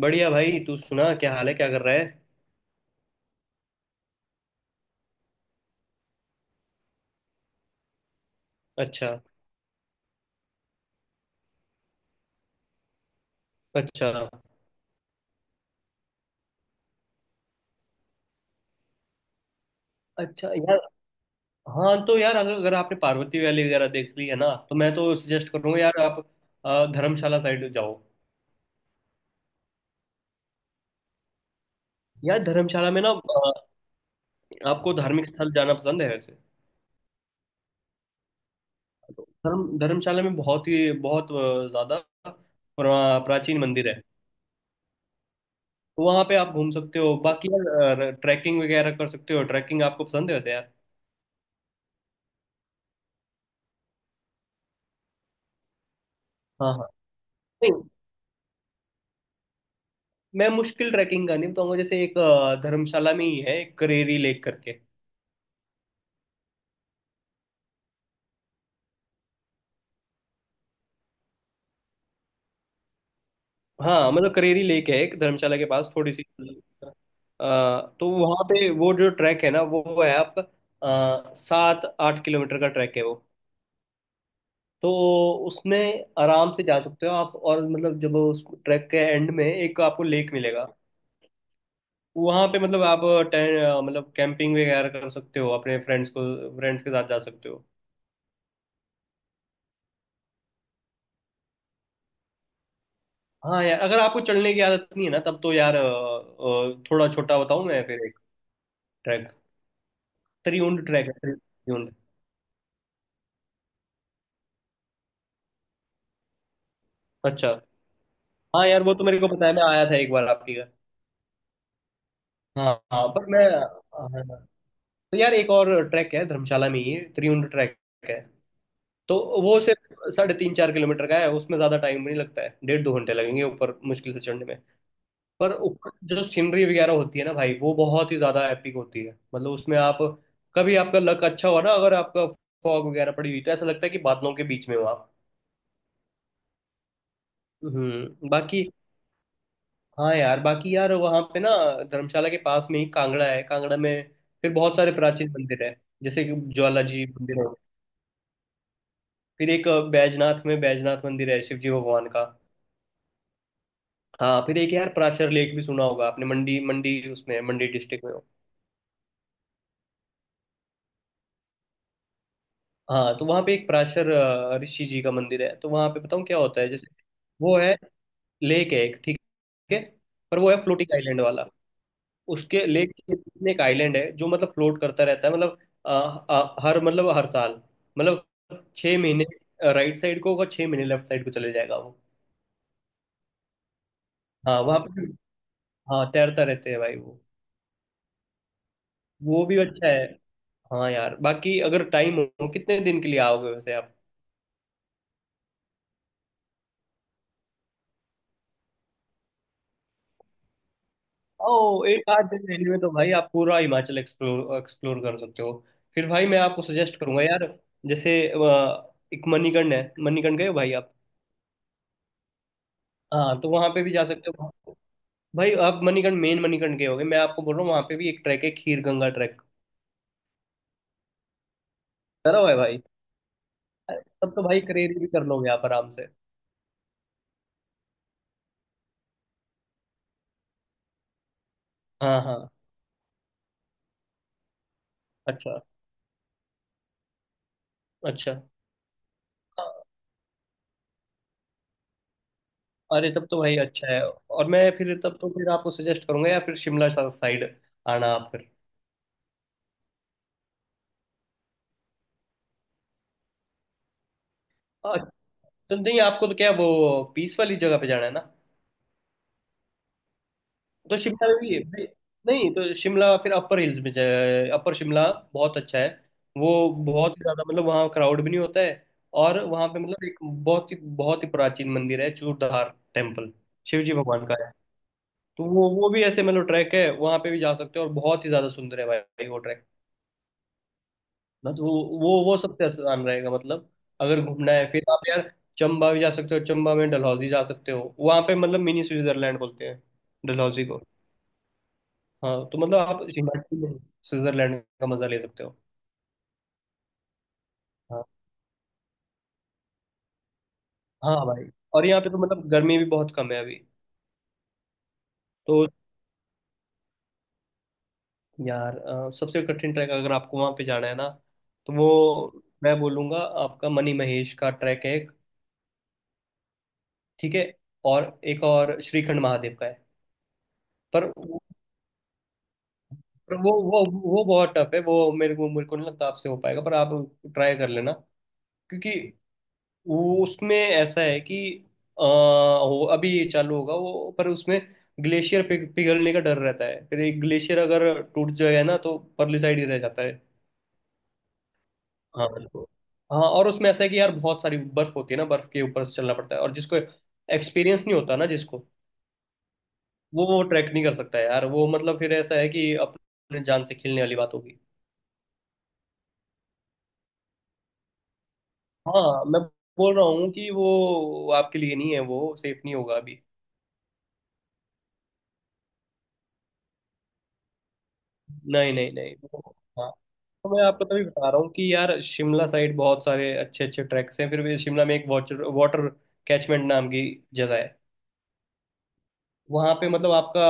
बढ़िया भाई। तू सुना, क्या हाल है? क्या कर रहा है? अच्छा। अच्छा। अच्छा यार। हाँ तो यार, अगर अगर आपने पार्वती वैली वगैरह देख ली है ना, तो मैं तो सजेस्ट करूंगा यार आप धर्मशाला साइड जाओ। यार धर्मशाला में ना, आपको धार्मिक स्थल जाना पसंद है वैसे? धर्मशाला में बहुत ही बहुत ज्यादा प्राचीन मंदिर है। तो वहाँ पे आप घूम सकते हो। बाकी यार, ट्रैकिंग वगैरह कर सकते हो। ट्रैकिंग आपको पसंद है वैसे यार? हाँ। हाँ, मैं मुश्किल ट्रैकिंग का नहीं बताऊंगा। जैसे एक धर्मशाला में ही है, एक करेरी लेक करके। हाँ, मतलब करेरी लेक है एक धर्मशाला के पास थोड़ी सी। तो वहाँ पे वो जो ट्रैक है ना, वो है आपका 7-8 किलोमीटर का ट्रैक है वो। तो उसमें आराम से जा सकते हो आप। और मतलब जब उस ट्रैक के एंड में एक आपको लेक मिलेगा, वहाँ पे मतलब आप मतलब कैंपिंग वगैरह कर सकते हो। अपने फ्रेंड्स को फ्रेंड्स के साथ जा सकते हो। हाँ यार, अगर आपको चढ़ने की आदत नहीं है ना, तब तो यार थोड़ा छोटा बताऊं मैं फिर एक ट्रैक। त्रिउंड ट्रैक है, त्रिउंड। अच्छा। हाँ यार, वो तो मेरे को पता है, मैं आया था एक बार आपके घर। हाँ। हाँ, पर मैं, हाँ, तो यार एक और ट्रैक है धर्मशाला में ही, त्रिउंड ट्रैक है। तो वो सिर्फ 3.5-4 किलोमीटर का है। उसमें ज्यादा टाइम नहीं लगता है, 1.5-2 घंटे लगेंगे ऊपर मुश्किल से चढ़ने में। पर ऊपर जो सीनरी वगैरह होती है ना भाई, वो बहुत ही ज्यादा एपिक होती है। मतलब उसमें आप, कभी आपका लक अच्छा हुआ ना, अगर आपका फॉग वगैरह पड़ी हुई, तो ऐसा लगता है कि बादलों के बीच में हो आप। बाकी, हाँ यार, बाकी यार वहाँ पे ना, धर्मशाला के पास में ही कांगड़ा है। कांगड़ा में फिर बहुत सारे प्राचीन मंदिर है। जैसे कि ज्वाला जी मंदिर है। फिर एक बैजनाथ में बैजनाथ मंदिर है शिव जी भगवान का। हाँ। फिर एक यार, प्राचर लेक भी सुना होगा आपने। मंडी मंडी उसमें है, मंडी डिस्ट्रिक्ट में। हाँ। तो वहाँ पे एक पराशर ऋषि जी का मंदिर है। तो वहाँ पे बताऊँ क्या होता है। जैसे वो है, लेक है एक, ठीक है? पर वो है फ्लोटिंग आइलैंड वाला। उसके लेक के बीच में एक आइलैंड है जो मतलब फ्लोट करता रहता है। मतलब अ, हर साल मतलब 6 महीने राइट साइड को होगा, 6 महीने लेफ्ट साइड को चले जाएगा वो। हाँ वहाँ पे। हाँ, तैरता रहते हैं भाई वो। वो भी अच्छा है। हाँ यार, बाकी अगर टाइम हो, कितने दिन के लिए आओगे वैसे आप? ओ, एक आध दिन रहने में Anyway, तो भाई आप पूरा हिमाचल एक्सप्लोर एक्सप्लोर कर सकते हो। फिर भाई मैं आपको सजेस्ट करूंगा यार। जैसे एक मणिकर्ण है, मणिकर्ण गए हो भाई आप? हाँ, तो वहां पे भी जा सकते हो। भाई आप मणिकर्ण, मेन मणिकर्ण गए होगे, मैं आपको बोल रहा हूँ वहां पे भी एक ट्रैक है, खीर गंगा ट्रैक। करा हुआ है भाई? अरे, तब तो भाई करेरी भी कर लोगे आप आराम से। हाँ। हाँ। अच्छा। अच्छा। अरे, तब तो भाई अच्छा है। और मैं फिर, तब तो फिर आपको सजेस्ट करूंगा, या फिर शिमला साइड आना आप फिर। तो नहीं आपको तो क्या, वो पीस वाली जगह पे जाना है ना? तो शिमला में भी है। नहीं तो शिमला फिर अपर हिल्स में जाए, अपर शिमला बहुत अच्छा है। वो बहुत ही ज्यादा, मतलब वहाँ क्राउड भी नहीं होता है। और वहाँ पे मतलब एक बहुत ही प्राचीन मंदिर है, चूड़धार टेम्पल, शिव जी भगवान का है। तो वो भी ऐसे मतलब ट्रैक है, वहाँ पे भी जा सकते हो। और बहुत ही ज्यादा सुंदर है भाई वो ट्रैक ना। तो वो सबसे अच्छा आसान रहेगा मतलब। अगर घूमना है फिर आप यार, चंबा भी जा सकते हो। चंबा में डलहौजी जा सकते हो, वहाँ पे मतलब मिनी स्विट्जरलैंड बोलते हैं डलहौजी को। हाँ, तो मतलब आप हिमाचल में स्विट्जरलैंड का मजा ले सकते हो। हाँ। हाँ भाई। और यहाँ पे तो मतलब गर्मी भी बहुत कम है अभी। तो यार सबसे कठिन ट्रैक अगर आपको वहाँ पे जाना है ना, तो वो मैं बोलूँगा आपका मनी महेश का ट्रैक है एक। ठीक है? और एक और श्रीखंड महादेव का है। पर पर वो बहुत टफ है। वो मेरे को नहीं लगता आपसे हो पाएगा, पर आप ट्राई कर लेना। क्योंकि वो, उसमें ऐसा है कि वो अभी ये चालू होगा वो, पर उसमें ग्लेशियर पिघलने का डर रहता है। फिर एक ग्लेशियर अगर टूट जाएगा ना, तो परली साइड ही रह जाता है। हाँ बिल्कुल। हाँ, और उसमें ऐसा है कि यार, बहुत सारी बर्फ होती है ना, बर्फ के ऊपर से चलना पड़ता है। और जिसको एक्सपीरियंस नहीं होता ना, जिसको, वो ट्रैक नहीं कर सकता है यार वो। मतलब फिर ऐसा है कि अपने जान से खेलने वाली बात होगी। हाँ, मैं बोल रहा हूँ कि वो आपके लिए नहीं है, वो सेफ नहीं होगा अभी। नहीं नहीं नहीं, हाँ, तो मैं आपको तभी बता रहा हूँ कि यार, शिमला साइड बहुत सारे अच्छे अच्छे ट्रैक्स हैं। फिर भी शिमला में एक वाटर वाटर कैचमेंट नाम की जगह है। वहाँ पे मतलब आपका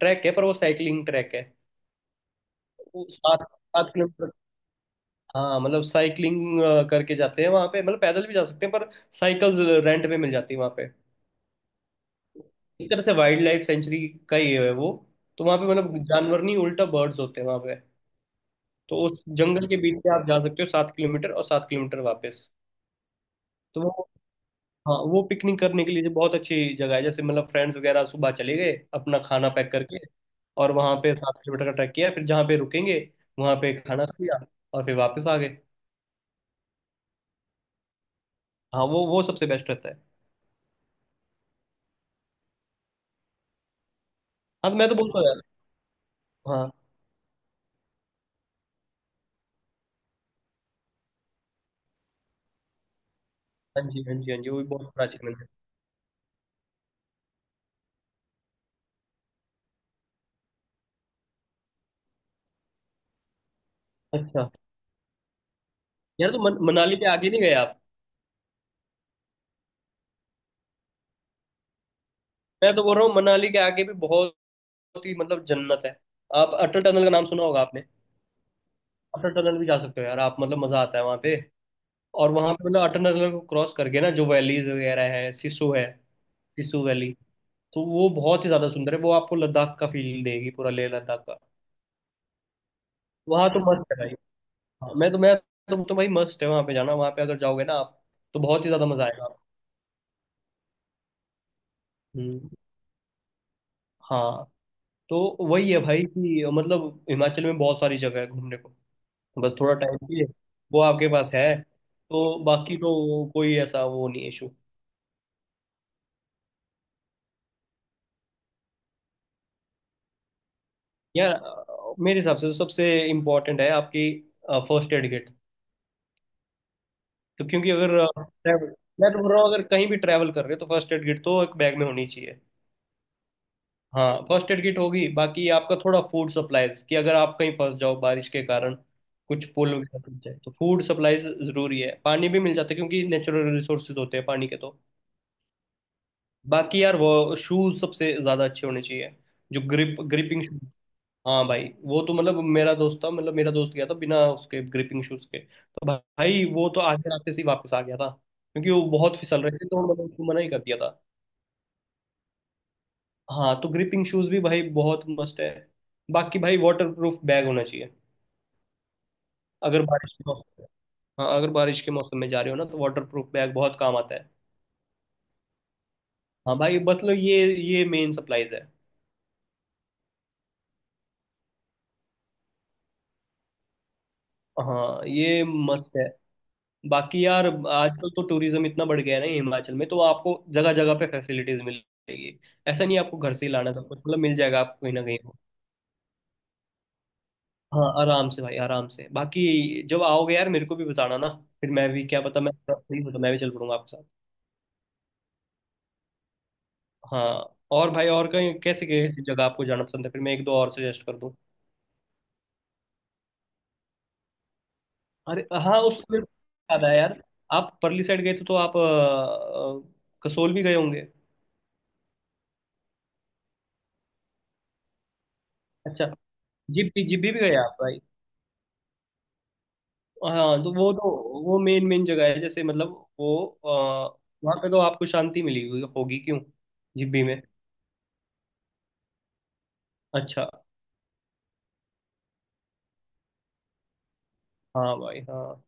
ट्रैक है, पर वो साइकिलिंग ट्रैक है। वो सात सात किलोमीटर। हाँ, मतलब साइकिलिंग करके जाते हैं वहाँ पे। मतलब पैदल भी जा सकते हैं, पर साइकिल्स रेंट पे मिल जाती है वहाँ पे। एक तरह से वाइल्ड लाइफ सेंचुरी का ही है वो। तो वहां पे मतलब जानवर नहीं, उल्टा बर्ड्स होते हैं वहां पे। तो उस जंगल के बीच से आप जा सकते हो, 7 किलोमीटर और 7 किलोमीटर वापस। तो वो, हाँ, वो पिकनिक करने के लिए जो बहुत अच्छी जगह है। जैसे मतलब फ्रेंड्स वगैरह सुबह चले गए अपना खाना पैक करके, और वहां पे 7 किलोमीटर का ट्रैक किया, फिर जहाँ पे रुकेंगे वहां पे खाना खाया और फिर वापस आ गए। हाँ, वो सबसे बेस्ट रहता है। हाँ तो मैं तो बोलता हूँ यार। हाँ। हाँ जी हाँ जी हाँ जी, वो भी बहुत प्राचीन मंदिर है। अच्छा। यार तो मनाली पे आगे नहीं गए आप? मैं तो बोल रहा हूँ मनाली के आगे भी बहुत ही मतलब जन्नत है। आप अटल टनल का नाम सुना होगा आपने? अटल टनल भी जा सकते हो यार आप, मतलब मजा आता है वहां पे। और वहां पे मतलब अटल टनल को क्रॉस करके ना, जो वैलीज वगैरह है, सिसु है, सिसु वैली, तो वो बहुत ही ज्यादा सुंदर है। वो आपको लद्दाख का फील देगी, पूरा लेह लद्दाख का। वहां तो मस्त है भाई। हाँ, तो भाई मस्त है वहां पे जाना, वहां पे अगर जाओगे ना आप, तो बहुत ही ज्यादा मजा आएगा। हम्म हाँ, तो वही है भाई कि मतलब हिमाचल में बहुत सारी जगह है घूमने को, बस थोड़ा टाइम चाहिए, वो आपके पास है। तो बाकी तो कोई ऐसा वो नहीं इशू। यार मेरे हिसाब से तो सबसे इम्पोर्टेंट है आपकी फर्स्ट एड किट। तो क्योंकि अगर मैं तो बोल रहा हूँ अगर कहीं भी ट्रैवल कर रहे हो तो फर्स्ट एड किट तो एक बैग में होनी चाहिए। हाँ, फर्स्ट एड किट होगी। बाकी आपका थोड़ा फूड सप्लाईज, कि अगर आप कहीं फंस जाओ बारिश के कारण, कुछ पुल वगैरह टूट जाए, तो फूड सप्लाईज जरूरी है। पानी भी मिल जाता है क्योंकि नेचुरल रिसोर्सेज होते हैं पानी के तो। बाकी यार वो शूज सबसे ज्यादा अच्छे होने चाहिए, जो ग्रिपिंग शूज। हाँ भाई, वो तो मतलब मेरा दोस्त था, मतलब मेरा दोस्त गया था बिना उसके ग्रिपिंग शूज के, तो भाई वो तो आधे रास्ते से ही वापस आ गया था क्योंकि वो बहुत फिसल रहे थे, तो उन्होंने उसको मना ही कर दिया था। हाँ तो ग्रिपिंग शूज भी भाई बहुत मस्त है। बाकी भाई वाटर प्रूफ बैग होना चाहिए अगर बारिश के मौसम। हाँ, अगर बारिश के मौसम में जा रहे हो ना, तो वाटर प्रूफ बैग बहुत काम आता है। हाँ भाई, बस लो ये मेन सप्लाईज है। हाँ ये मस्त है। बाकी यार, आजकल तो टूरिज्म इतना बढ़ गया है ना हिमाचल में, तो आपको जगह जगह पे फैसिलिटीज मिल जाएगी। ऐसा नहीं आपको घर से ही लाना सब कुछ, मतलब मिल जाएगा आपको कहीं ना कहीं। हाँ आराम से भाई, आराम से। बाकी जब आओगे यार मेरे को भी बताना ना, फिर मैं भी, क्या पता मैं फ्री हो तो मैं भी चल पड़ूंगा आपके साथ। हाँ, और भाई, और कहीं कैसे कैसी जगह आपको जाना पसंद है, फिर मैं एक दो और सजेस्ट कर दूँ। अरे हाँ, उस, मेरे को याद आया यार। आप परली साइड गए थे, तो आप कसोल भी गए होंगे। अच्छा, जिप भी गए आप भाई? हाँ तो वो तो, वो मेन मेन जगह है। जैसे मतलब वो वहाँ पे तो आपको शांति मिली हुई होगी क्यों, जिब्बी में? अच्छा। हाँ भाई। हाँ।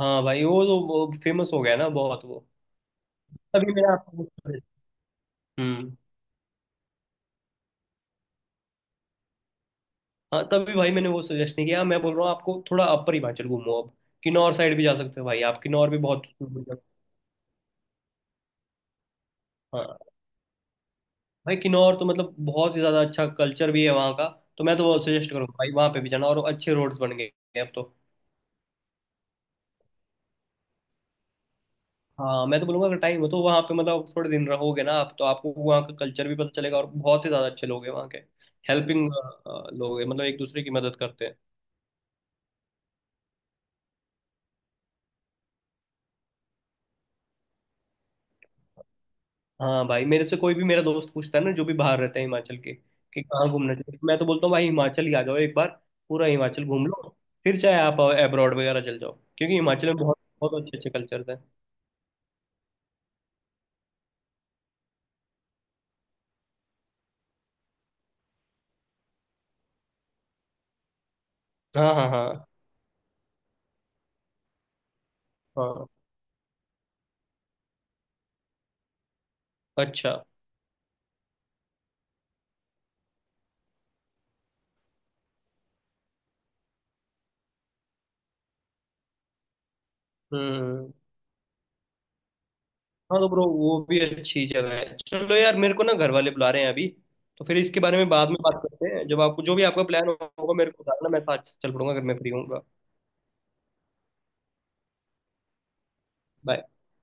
हाँ भाई, वो तो वो फेमस हो गया ना बहुत वो। तभी मैंने आपको वो हम्म। हाँ, तभी भाई मैंने वो सजेस्ट नहीं किया। मैं बोल रहा हूँ आपको, थोड़ा अपर हिमाचल घूमो अब। किन्नौर साइड भी जा सकते हो भाई आप, किन्नौर भी बहुत खूबसूरत हाँ भाई, किन्नौर तो मतलब बहुत ही ज़्यादा अच्छा कल्चर भी है वहाँ का। तो मैं तो वो सजेस्ट करूँगा भाई वहाँ पे भी जाना। और अच्छे रोड्स बन गए हैं अब तो। हाँ, मैं तो बोलूंगा, अगर टाइम हो तो वहाँ पे मतलब थोड़े दिन रहोगे ना आप, तो आपको वहाँ का कल्चर भी पता चलेगा। और बहुत ही ज़्यादा अच्छे लोग हैं वहाँ के, हेल्पिंग लोग हैं, मतलब एक दूसरे की मदद करते हैं। हाँ भाई, मेरे से कोई भी मेरा दोस्त पूछता है ना जो भी बाहर रहते हैं हिमाचल के, कि कहाँ घूमना चाहिए, तो मैं तो बोलता हूँ भाई हिमाचल ही आ जाओ एक बार, पूरा हिमाचल घूम लो। फिर चाहे आप अब्रॉड वगैरह चल जाओ, क्योंकि हिमाचल में बहुत बहुत अच्छे अच्छे कल्चर हैं। हाँ। हाँ। हाँ। हाँ। अच्छा। हम्म हाँ, तो ब्रो, वो भी अच्छी जगह है। चलो यार, मेरे को ना घर वाले बुला रहे हैं अभी। तो फिर इसके बारे में बाद में बात करते हैं। जब आपको, जो भी आपका प्लान होगा मेरे को बताना, मैं साथ चल पड़ूंगा अगर मैं फ्री होऊंगा। बाय।